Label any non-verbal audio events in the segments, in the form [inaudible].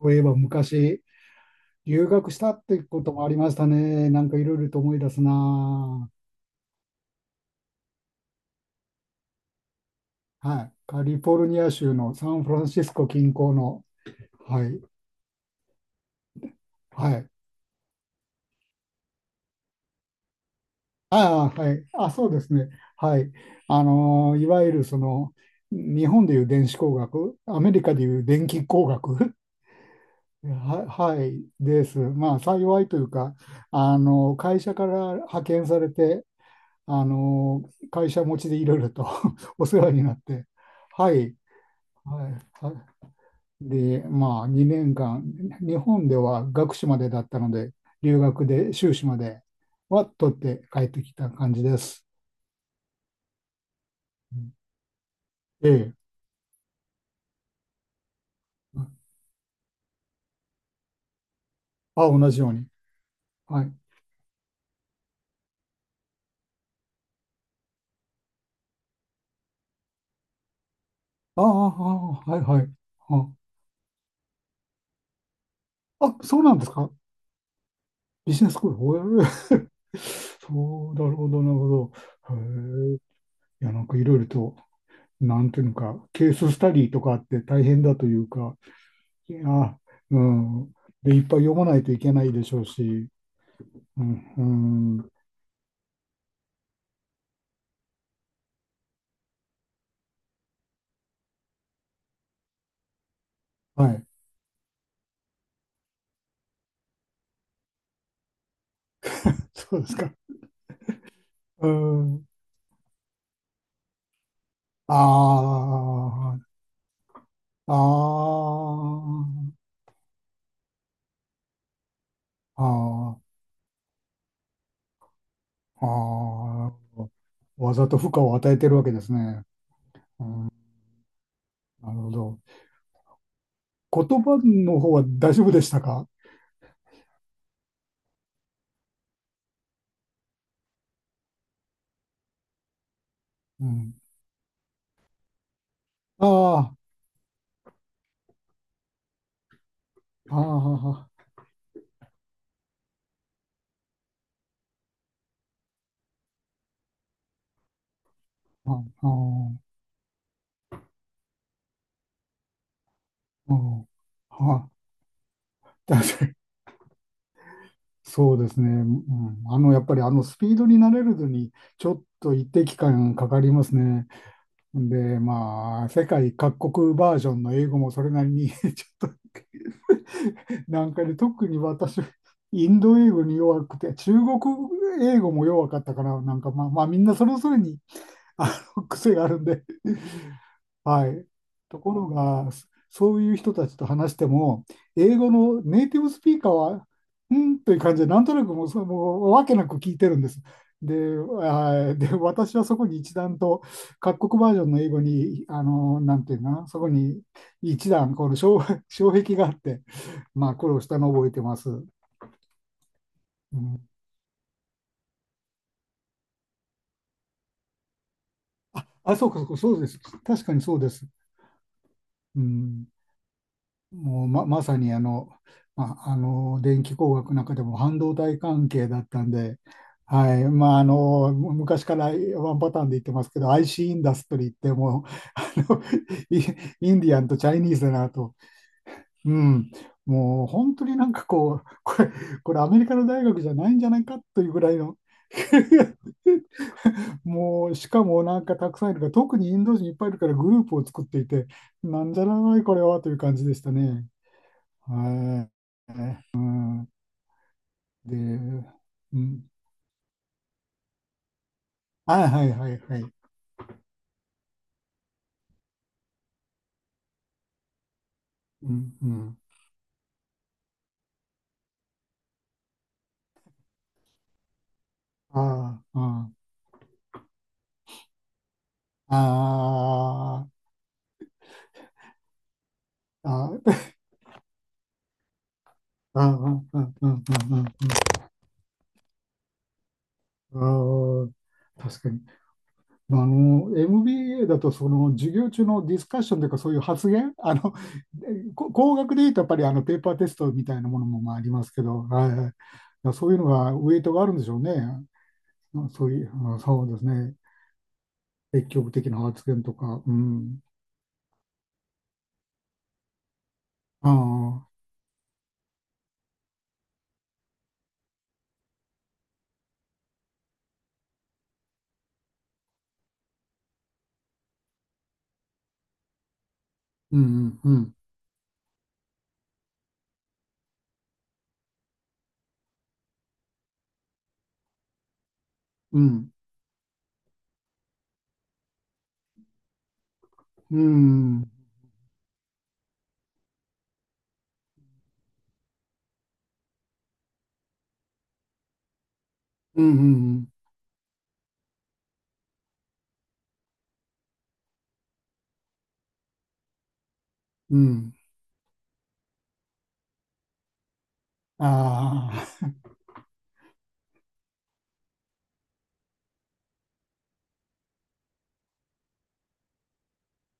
そういえば昔、留学したってこともありましたね。なんかいろいろと思い出すなあ。はい。カリフォルニア州のサンフランシスコ近郊の、はい。はい。ああ、はい。あ、そうですね。はい。いわゆる日本でいう電子工学、アメリカでいう電気工学。[laughs] はい、です。まあ、幸いというか、会社から派遣されて、あの、会社持ちでいろいろと [laughs] お世話になって、はい、はい、はで、まあ、2年間、日本では学士までだったので、留学で修士までは取って帰ってきた感じです。ええ。あ、同じように。はい。ああ、あ、はいはい。あ、あ、そうなんですか。ビジネススクール。へえ。 [laughs] そう、なるほど、なるほど。へえ。いや、なんかいろいろと、なんていうのか、ケーススタディとかあって大変だというか、いや、うん。で、いっぱい読まないといけないでしょうし、うん、うん、はい、そうですか。うん、ああ、ああ、ああ、ああ、わざと負荷を与えてるわけですね。うん、なるほど。言葉の方は大丈夫でしたか。うん。ああ、ああ、ああ、ああ、ああ、確かにそうですね。うん、あの、やっぱりスピードに慣れるのに、ちょっと一定期間かかりますね。で、まあ、世界各国バージョンの英語もそれなりに [laughs] ちょっとで、特に私、インド英語に弱くて、中国英語も弱かったから、まあ、まあ、みんなそれぞれにあ癖があるんで、はい。ところが、そういう人たちと話しても、英語のネイティブスピーカーは、うんという感じで、なんとなくもう、わけなく聞いてるんです。で、私はそこに一段と、各国バージョンの英語に、なんていうのかな、そこに一段、この障、[laughs] 障壁があって、まあ、苦労したのを覚えてます。うん、あ、そうか、そうか、そうです。確かにそうです。うん。もうま、まさにまあ、あの電気工学の中でも半導体関係だったんで、はい。まあ、あのむ昔からワンパターンで言ってますけど、 IC イシーインダストリーってもう、あのイインディアンとチャイニーズだなと、うん、もう本当になんか、これアメリカの大学じゃないんじゃないかというぐらいの。 [laughs] もうしかもなんかたくさんいるから、特にインド人いっぱいいるからグループを作っていて、なんじゃらないこれはという感じでしたね。はい。で、うん。あ、はいはいはい。うん、うん。ああ、ああ、ああ、ああ、ああ、ああ、ああ、ああ、確かに。まああの、MBA だと、その、授業中のディスカッションというか、そういう発言、あの、工学でいうと、やっぱり、あの、ペーパーテストみたいなものも、まあ、ありますけど、はいはい。だからそういうのが、ウェイトがあるんでしょうね。そういう、あそうですね。積極的な発言とか、うん。ああ、うん、うん、うん、うん、うん、うん、うん、あ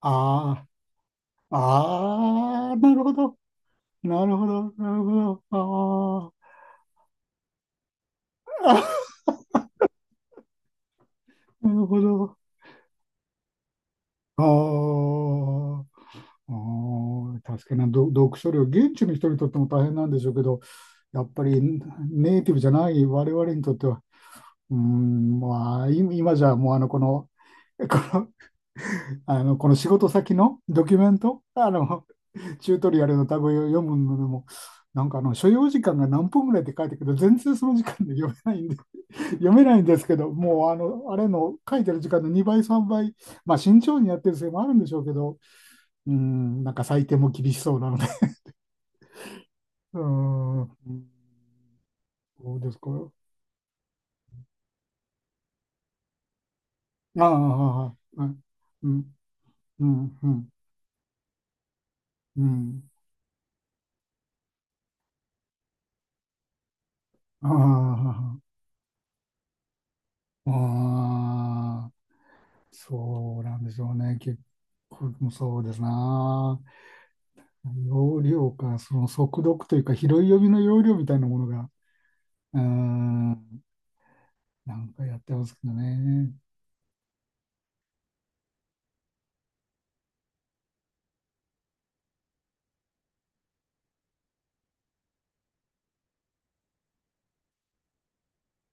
あ、ああ、ああ、なるほど、なるほど、なるほど、ああ、なるほど、ああ、ああ、確かに。読書量、現地の人にとっても大変なんでしょうけど、やっぱりネイティブじゃない我々にとっては、うーん、まあ、今じゃもうあの、この、この、あの、この仕事先のドキュメント、あの、チュートリアルのタグを読むのでも、なんかあの所要時間が何分ぐらいって書いてるけど、全然その時間で読めないんで、[laughs] 読めないんですけど、もうあの、あれの書いてる時間の2倍、3倍、まあ慎重にやってるせいもあるんでしょうけど、うーん、なんか採点も厳しそうなので、[laughs] うーん、んそうですか。ああ、ああ、ああ、うん、うん、うん、うん、ああ、ああ、そうなんでしょうね。結構、そうですな。容量か、その速読というか、拾い読みの容量みたいなものが、うーん、なんかやってますけどね。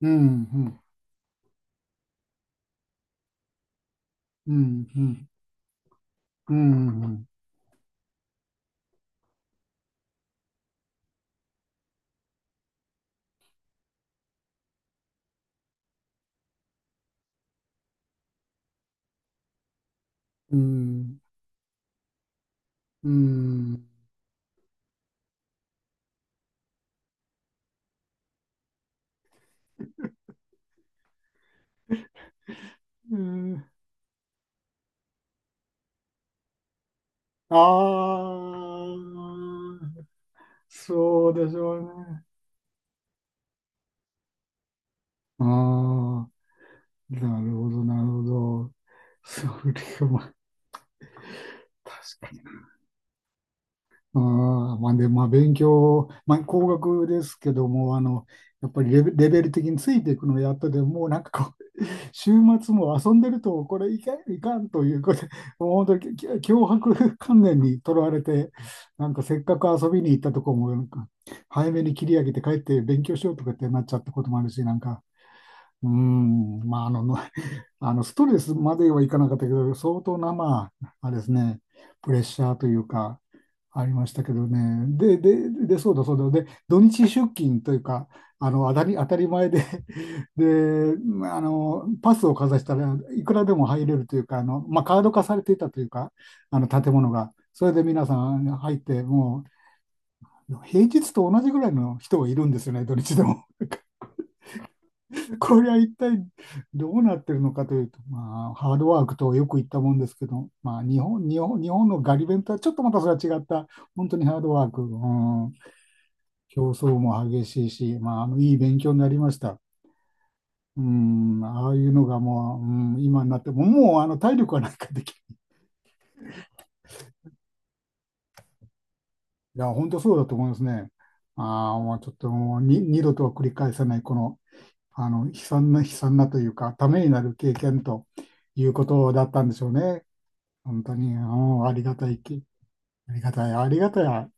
うん、うん、うん、うん、うん、うん、うん、うん、ああ、そうでしょうね。ああ、なるほど、なるほど。それは、まあ確かに。ああ、まあで、まあ勉強、まあ工学ですけども、あの、やっぱりレベル的についていくのをやったでもうなんかこう、[laughs] 週末も遊んでると、これいかん、いかんということで、もう本当に強迫観念にとらわれて、なんかせっかく遊びに行ったとこも、なんか早めに切り上げて帰って勉強しようとかってなっちゃったこともあるし、なんか、うーん、まああの、あのストレスまではいかなかったけど、相当な、まあ、あれですね、プレッシャーというか、ありましたけどね。で、で、で、そうだそうだ。で、土日出勤というか、あの、当たり前で。 [laughs] で、まああの、パスをかざしたらいくらでも入れるというか、あの、まあ、カード化されていたというか、あの、建物が。それで皆さん入って、もう、平日と同じぐらいの人がいるんですよね、土日でも。[laughs] これは一体どうなってるのかというと、まあ、ハードワークとよく言ったもんですけど、まあ、日本のガリ弁とはちょっとまたそれは違った、本当にハードワーク。うん。競争も激しいし、まあ、あの、いい勉強になりました。うん、ああいうのがもう、うん、今になっても、もう、あの、体力はなんかできる。いや、本当そうだと思いますね。ああ、もうちょっともうに、二度とは繰り返さない、この、あの、悲惨なというか、ためになる経験ということだったんでしょうね。本当に、うん、ありがたいき、ありがたい、ありがたい